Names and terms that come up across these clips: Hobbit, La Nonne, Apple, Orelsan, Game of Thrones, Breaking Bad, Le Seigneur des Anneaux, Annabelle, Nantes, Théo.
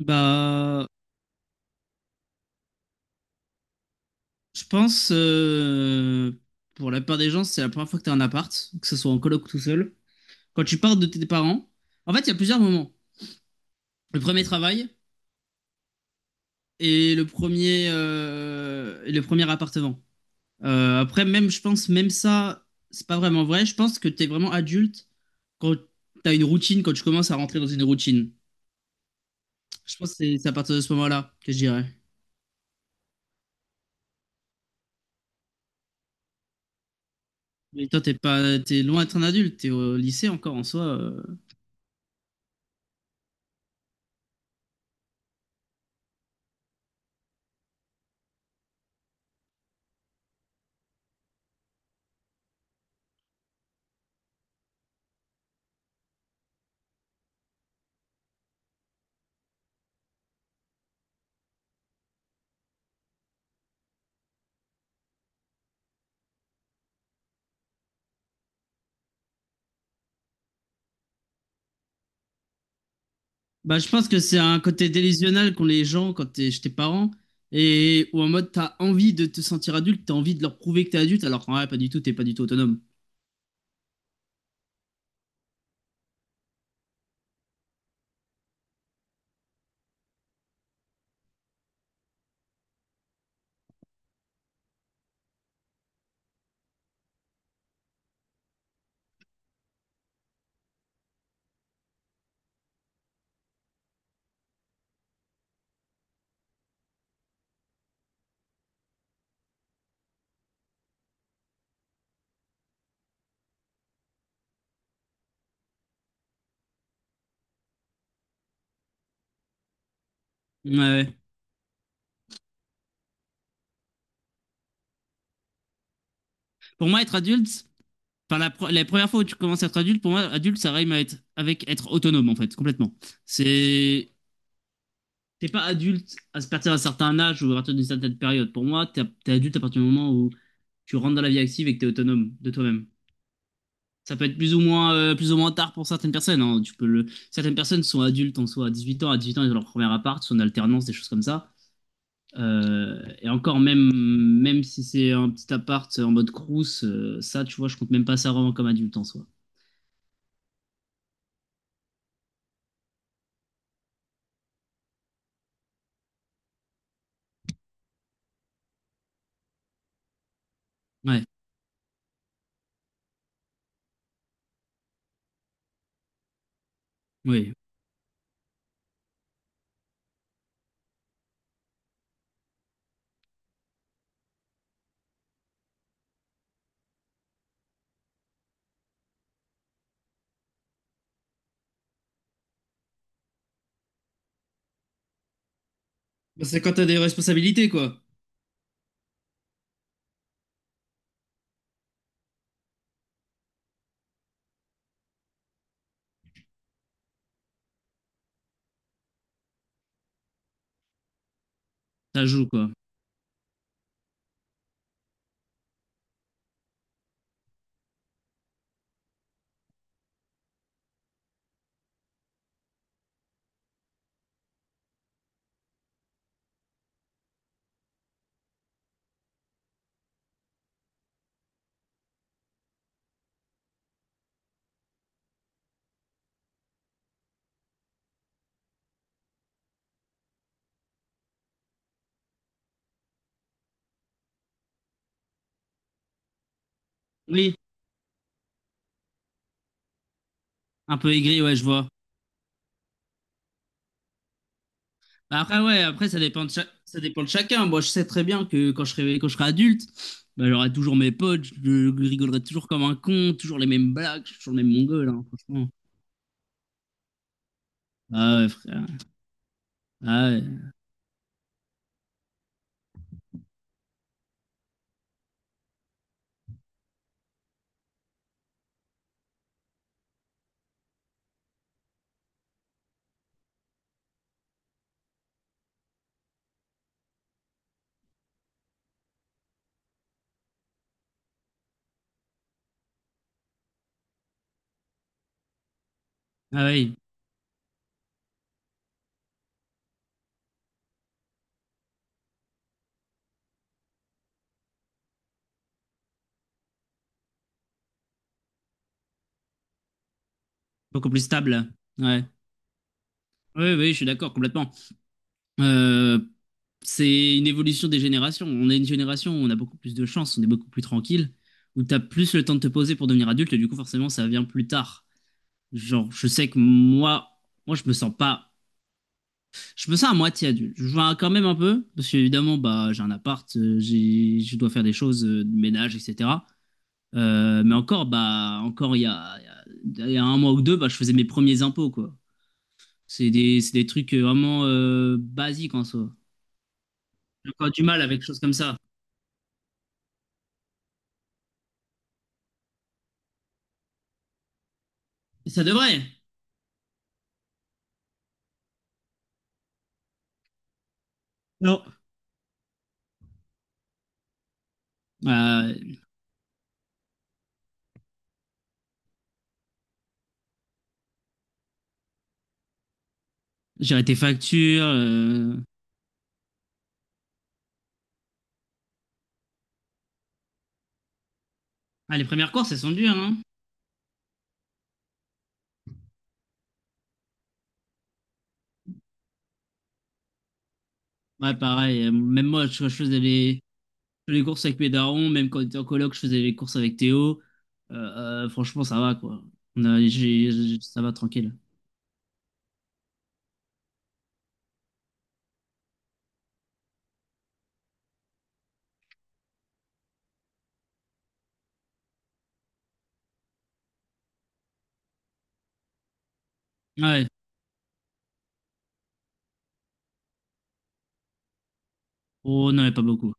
Bah, je pense, pour la plupart des gens, c'est la première fois que tu as un appart, que ce soit en coloc ou tout seul. Quand tu pars de tes parents, en fait, il y a plusieurs moments. Le premier travail et le premier appartement. Après, même, je pense, même ça, c'est pas vraiment vrai. Je pense que tu es vraiment adulte quand tu as une routine, quand tu commences à rentrer dans une routine. Je pense que c'est à partir de ce moment-là que je dirais. Mais toi, t'es pas, t'es loin d'être un adulte, t'es au lycée encore en soi. Bah, je pense que c'est un côté délusionnel qu'ont les gens quand t'es, chez tes parents. Et ou en mode, t'as envie de te sentir adulte, t'as envie de leur prouver que t'es adulte, alors qu'en vrai, pas du tout, t'es pas du tout autonome. Ouais, ouais. Pour moi, être adulte, enfin, la, la première fois où tu commences à être adulte, pour moi, adulte, ça rime à être, avec être autonome, en fait, complètement. C'est. T'es pas adulte à partir d'un certain âge ou à partir d'une certaine période. Pour moi, t'es adulte à partir du moment où tu rentres dans la vie active et que t'es autonome de toi-même. Ça peut être plus ou moins tard pour certaines personnes, hein. Tu peux le... Certaines personnes sont adultes en soi, à 18 ans, à 18 ans, ils ont leur premier appart, sont en alternance, des choses comme ça. Et encore, même, même si c'est un petit appart en mode crous, ça, tu vois, je compte même pas ça vraiment comme adulte en soi. Ouais, oui, bah, c'est quand t'as des responsabilités, quoi. Ça joue, quoi. Oui, un peu aigri, ouais, je vois. Bah après, ouais, après, ça dépend de, ça dépend de chacun. Moi, je sais très bien que quand je serai adulte, bah, j'aurai toujours mes potes, je rigolerai toujours comme un con, toujours les mêmes blagues, je suis toujours le même mongol, hein, franchement. Ah ouais, frère. Ah ouais. Ah ouais, beaucoup plus stable. Ouais. Oui, oui, je suis d'accord, complètement. Euh, c'est une évolution des générations. On est une génération où on a beaucoup plus de chance, on est beaucoup plus tranquille, où t'as plus le temps de te poser pour devenir adulte, et du coup, forcément, ça vient plus tard. Genre, je sais que moi, moi, je me sens pas. Je me sens à moitié adulte. Je vois quand même un peu, parce qu'évidemment, bah, j'ai un appart, j'ai, je dois faire des choses de ménage, etc. Mais encore, bah, encore il y a un mois ou deux, bah, je faisais mes premiers impôts, quoi. C'est des trucs vraiment basiques en soi. J'ai encore du mal avec des choses comme ça. Et ça devrait. Non. Euh, Gérer tes factures. Ah, les premières courses, elles sont dures, hein? Ouais, pareil. Même moi, je faisais les courses avec mes darons, même quand on était en coloc, je faisais les courses avec Théo. Euh, franchement, ça va, quoi. On a, ça va, tranquille. Ouais. Oh, non, mais pas beaucoup.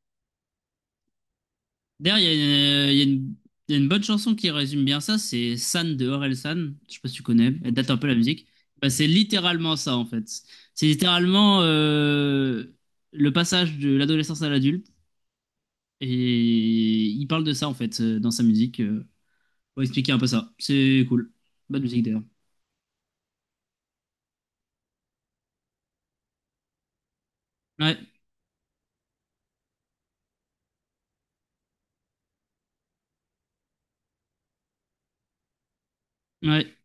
D'ailleurs, il y a une bonne chanson qui résume bien ça, c'est San de Orelsan. Je sais pas si tu connais, elle date un peu la musique. Bah, c'est littéralement ça, en fait. C'est littéralement le passage de l'adolescence à l'adulte. Et il parle de ça, en fait, dans sa musique, pour expliquer un peu ça. C'est cool. Bonne musique, d'ailleurs. Ouais. Ouais.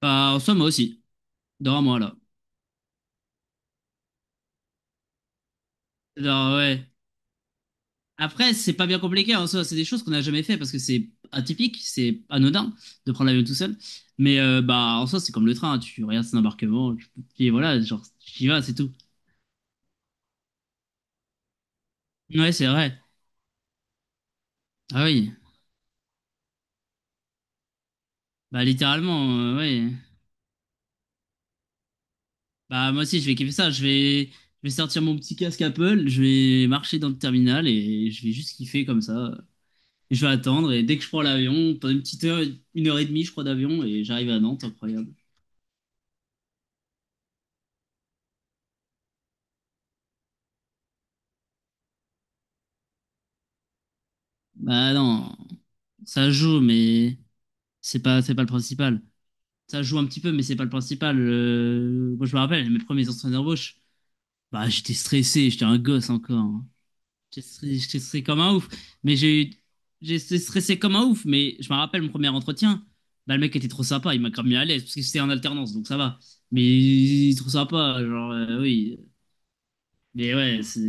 Bah, en soi, moi aussi. Dans moi, là. Genre, ouais. Après, c'est pas bien compliqué, hein, en soi. C'est des choses qu'on n'a jamais fait parce que c'est atypique, c'est anodin de prendre l'avion tout seul. Mais bah, en soi, c'est comme le train, hein. Tu regardes son embarquement, tu... et voilà, genre, tu y vas, c'est tout. Ouais, c'est vrai. Ah oui. Bah, littéralement, ouais. Bah, moi aussi, je vais kiffer ça. Je vais sortir mon petit casque Apple, je vais marcher dans le terminal et je vais juste kiffer comme ça. Je vais attendre et dès que je prends l'avion, pendant une petite heure, une heure et demie, je crois, d'avion et j'arrive à Nantes, incroyable. Bah non, ça joue, mais c'est pas le principal. Ça joue un petit peu, mais c'est pas le principal. Moi, je me rappelle, mes premiers entretiens d'embauche, bah, j'étais stressé, j'étais un gosse encore, hein. J'étais stressé comme un ouf. Mais j'étais stressé comme un ouf, mais je me rappelle mon premier entretien, bah, le mec était trop sympa, il m'a grave mis à l'aise, parce que c'était en alternance, donc ça va. Mais il est trop sympa, genre, oui. Mais ouais, c'est...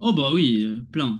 Oh bah oui, plein.